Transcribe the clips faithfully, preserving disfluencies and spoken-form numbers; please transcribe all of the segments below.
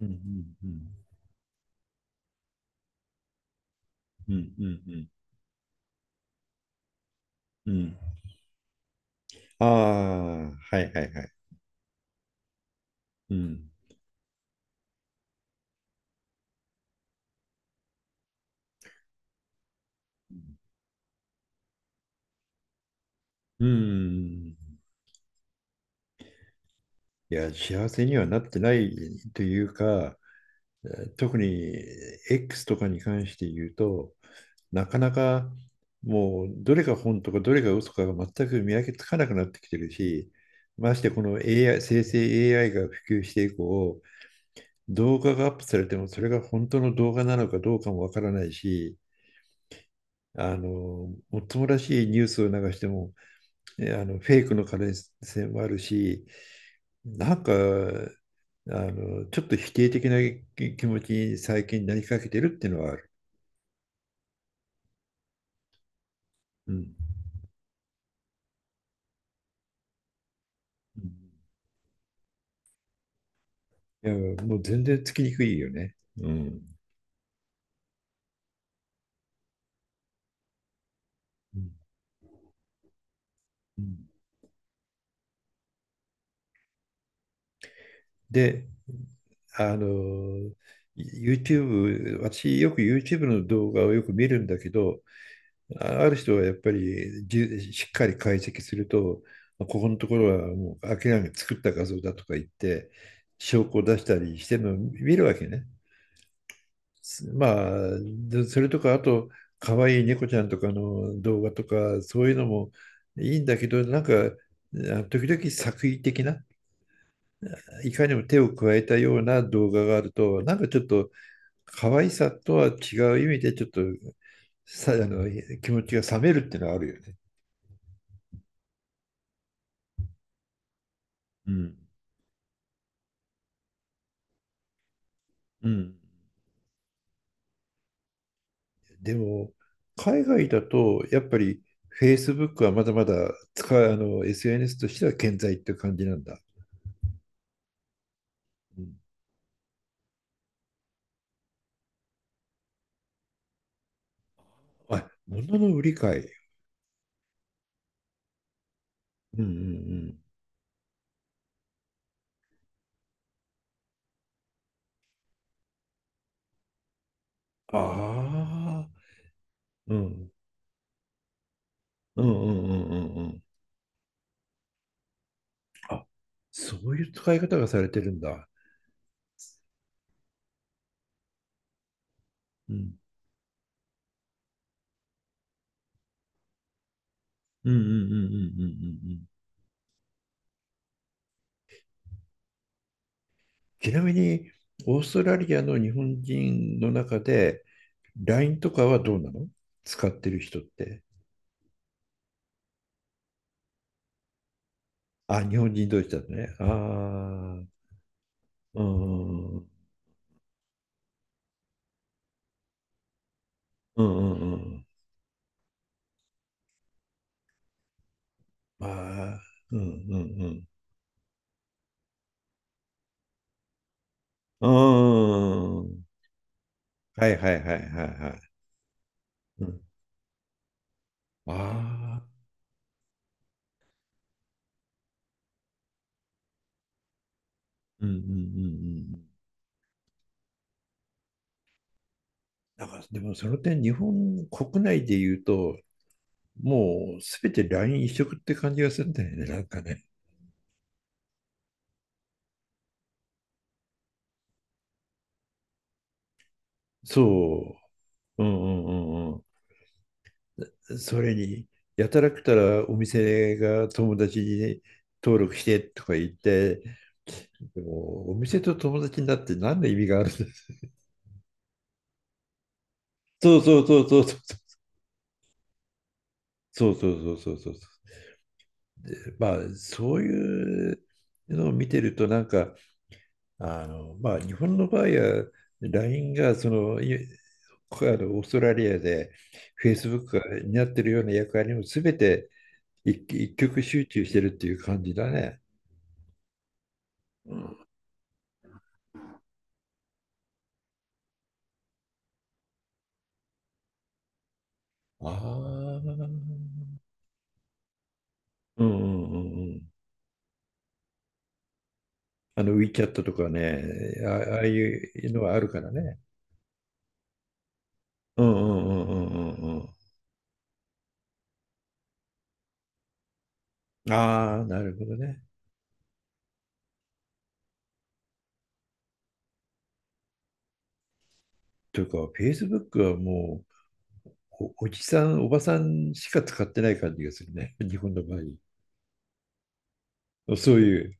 うんうんうんうんうんうんうん。ああー、はいはいはい。うん。うん。いや、幸せにはなってないというか、特に X とかに関して言うと、なかなかもうどれが本とかどれが嘘かが全く見分けつかなくなってきてるし、ましてこの エーアイ、生成 エーアイ が普及して以降、動画がアップされてもそれが本当の動画なのかどうかもわからないし、あの、もっともらしいニュースを流しても、えあの、フェイクの可能性もあるし、なんか、あの、ちょっと否定的な気持ちに最近なりかけてるっていうのはある。うん。うん。いや、もう全然つきにくいよね。うん。うんうん。で、あの、YouTube、私よく YouTube の動画をよく見るんだけど、ある人はやっぱりじしっかり解析すると、ここのところはもう明らかに作った画像だとか言って、証拠を出したりしてるのを見るわけね。まあ、それとか、あと、可愛いい猫ちゃんとかの動画とか、そういうのもいいんだけど、なんか、時々作為的な、いかにも手を加えたような動画があると、なんかちょっと可愛さとは違う意味で、ちょっとさあの気持ちが冷めるっていうのはあるよね。うんうん。でも、海外だと、やっぱり Facebook はまだまだ使う、あの、エスエヌエス としては健在って感じなんだ。うん、あ、物の売り買い。うんうんうん。ああ、うん。うんうんうんうんうん。あ、そういう使い方がされてるんだ。うん。うんうんうんうんうんうんうん。ちなみに、オーストラリアの日本人の中で、ライン とかはどうなの、使ってる人って？あ、日本人同士だとね。ああ、うんうんうん。うんうん。まあ、うんうんうん。うーん。はいはいはいはいはい。うん。ああ、うんうんうんうん。なんから、でもその点、日本国内で言うと、もうすべて ライン 一色って感じがするんだよね、なんかね。そう。うんうんうんうん。それに、やたらくたらお店が友達に登録してとか言って、でも、お店と友達になって何の意味があるんだ？ そうそうそうそうそうそうそうそうそうそう。でまあ、そういうのを見てると、なんか、あの、まあ、日本の場合は、ライン が、その、いあのオーストラリアで、Facebook が担ってるような役割も全て一一極集中してるっていう感じだね。ああ、うんうんうんうん。あの ウィーチャット とかね、あああいうのはあるからね。うんうんうんうんうんうん。ああ、なるほどね。というか、Facebook はもうお、おじさん、おばさんしか使ってない感じがするね。日本の場合。そういう。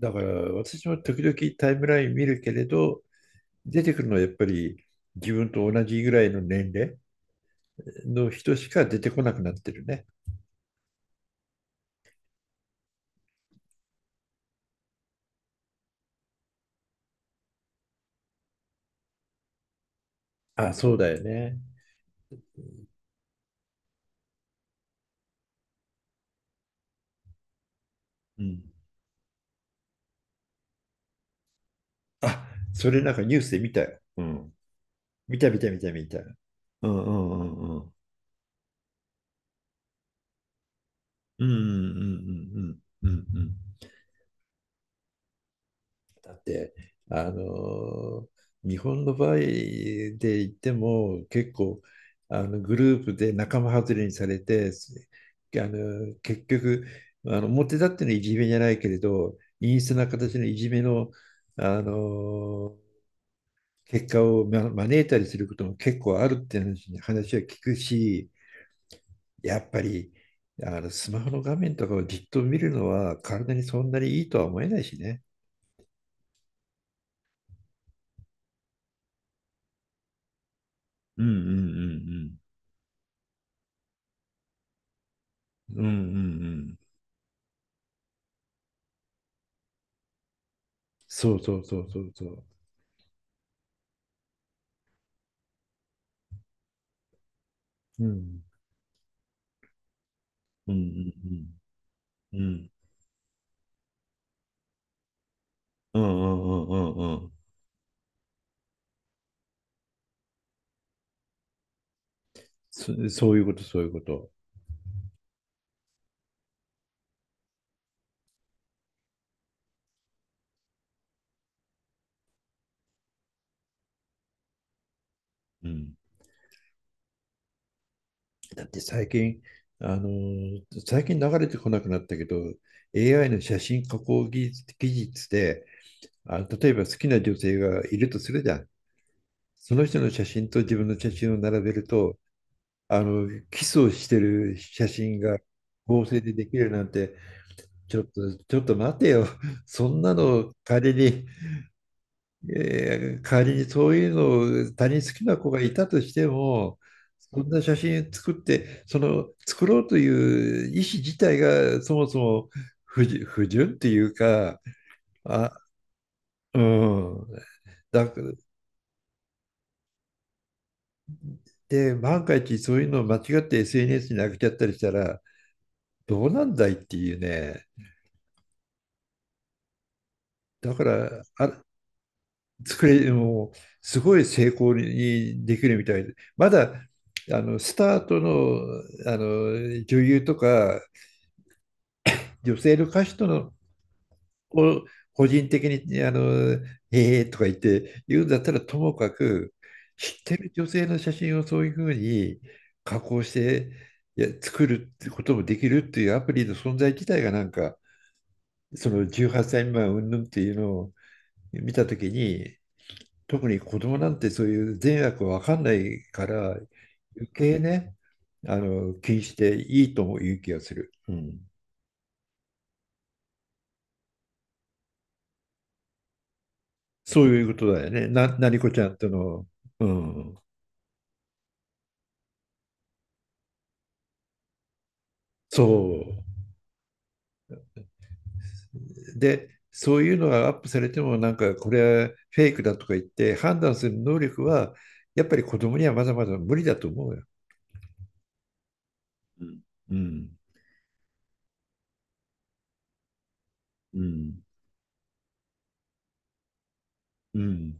だから、私も時々タイムライン見るけれど、出てくるのはやっぱり自分と同じぐらいの年齢の人しか出てこなくなってるね。あ、そうだよね。うん。あ、それなんかニュースで見たよ。うん。見た見た見た見た。うんうんうんうん。うんうんうんうんうんうんうん。だって、あの日本の場合で言っても、結構、あのグループで仲間外れにされて、あの結局、あの表立ってのいじめじゃないけれど、陰湿な形のいじめの、あの結果をま招いたりすることも結構あるって話う話は聞くし、やっぱりあのスマホの画面とかをじっと見るのは体にそんなにいいとは思えないしね。うんうんうんうんうんうんうん。そうそうそうそうそう。うん。うんうんうん。うんうんうんうんうんうん。そ、そういうこと、そういうこと。うん。だって最近、あのー最近流れてこなくなったけど、エーアイ の写真加工技術、技術で、あ、例えば好きな女性がいるとするじゃん。その人の写真と自分の写真を並べると、あの、キスをしてる写真が合成でできるなんて、ちょっと、ちょっと待てよ。そんなの仮に、えー仮にそういうのを他人好きな子がいたとしても、そんな写真作って、その作ろうという意思自体がそもそも不純、不純っていうか、あ、うん。だから、で、万が一そういうのを間違って エスエヌエス に上げちゃったりしたら、どうなんだいっていうね。だから、あ、作れ、もう、すごい成功にできるみたいで、まだ、あの、スタートの、あの、女優とか、女性の歌手との、を個人的に、あの、ええとか言って言うんだったら、ともかく、知ってる女性の写真をそういうふうに加工して、いや、作るってこともできるっていうアプリの存在自体がなんか、そのじゅうはっさい未満云々っていうのを見たときに、特に子供なんてそういう善悪わかんないから余計ね、あの気にしていいとも言う気がする。うん、そういうことだよね。な、なにこちゃんとの。うん。そう。で、そういうのがアップされてもなんかこれはフェイクだとか言って判断する能力はやっぱり子供にはまだまだ無理だと思うよ。うん。うん。うん。うん。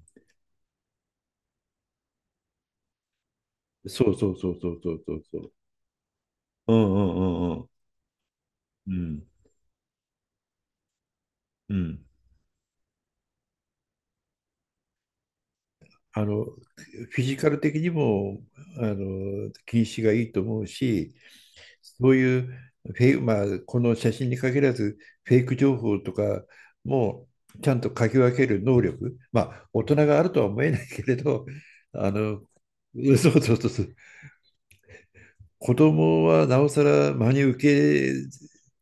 そうそうそうそうそうそうそう。うんうんうんうん。うん。うん。あの、フィジカル的にも、あの、禁止がいいと思うし、そういうフェイク、まあ、この写真に限らず、フェイク情報とかもちゃんと書き分ける能力、まあ、大人があるとは思えないけれど、あの、そうそうそうそう、子供はなおさら真に受け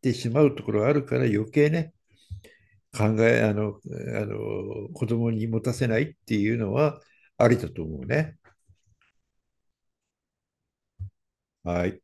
てしまうところがあるから、余計ね、考え、あの、あの、子供に持たせないっていうのはありだと思うね。はい。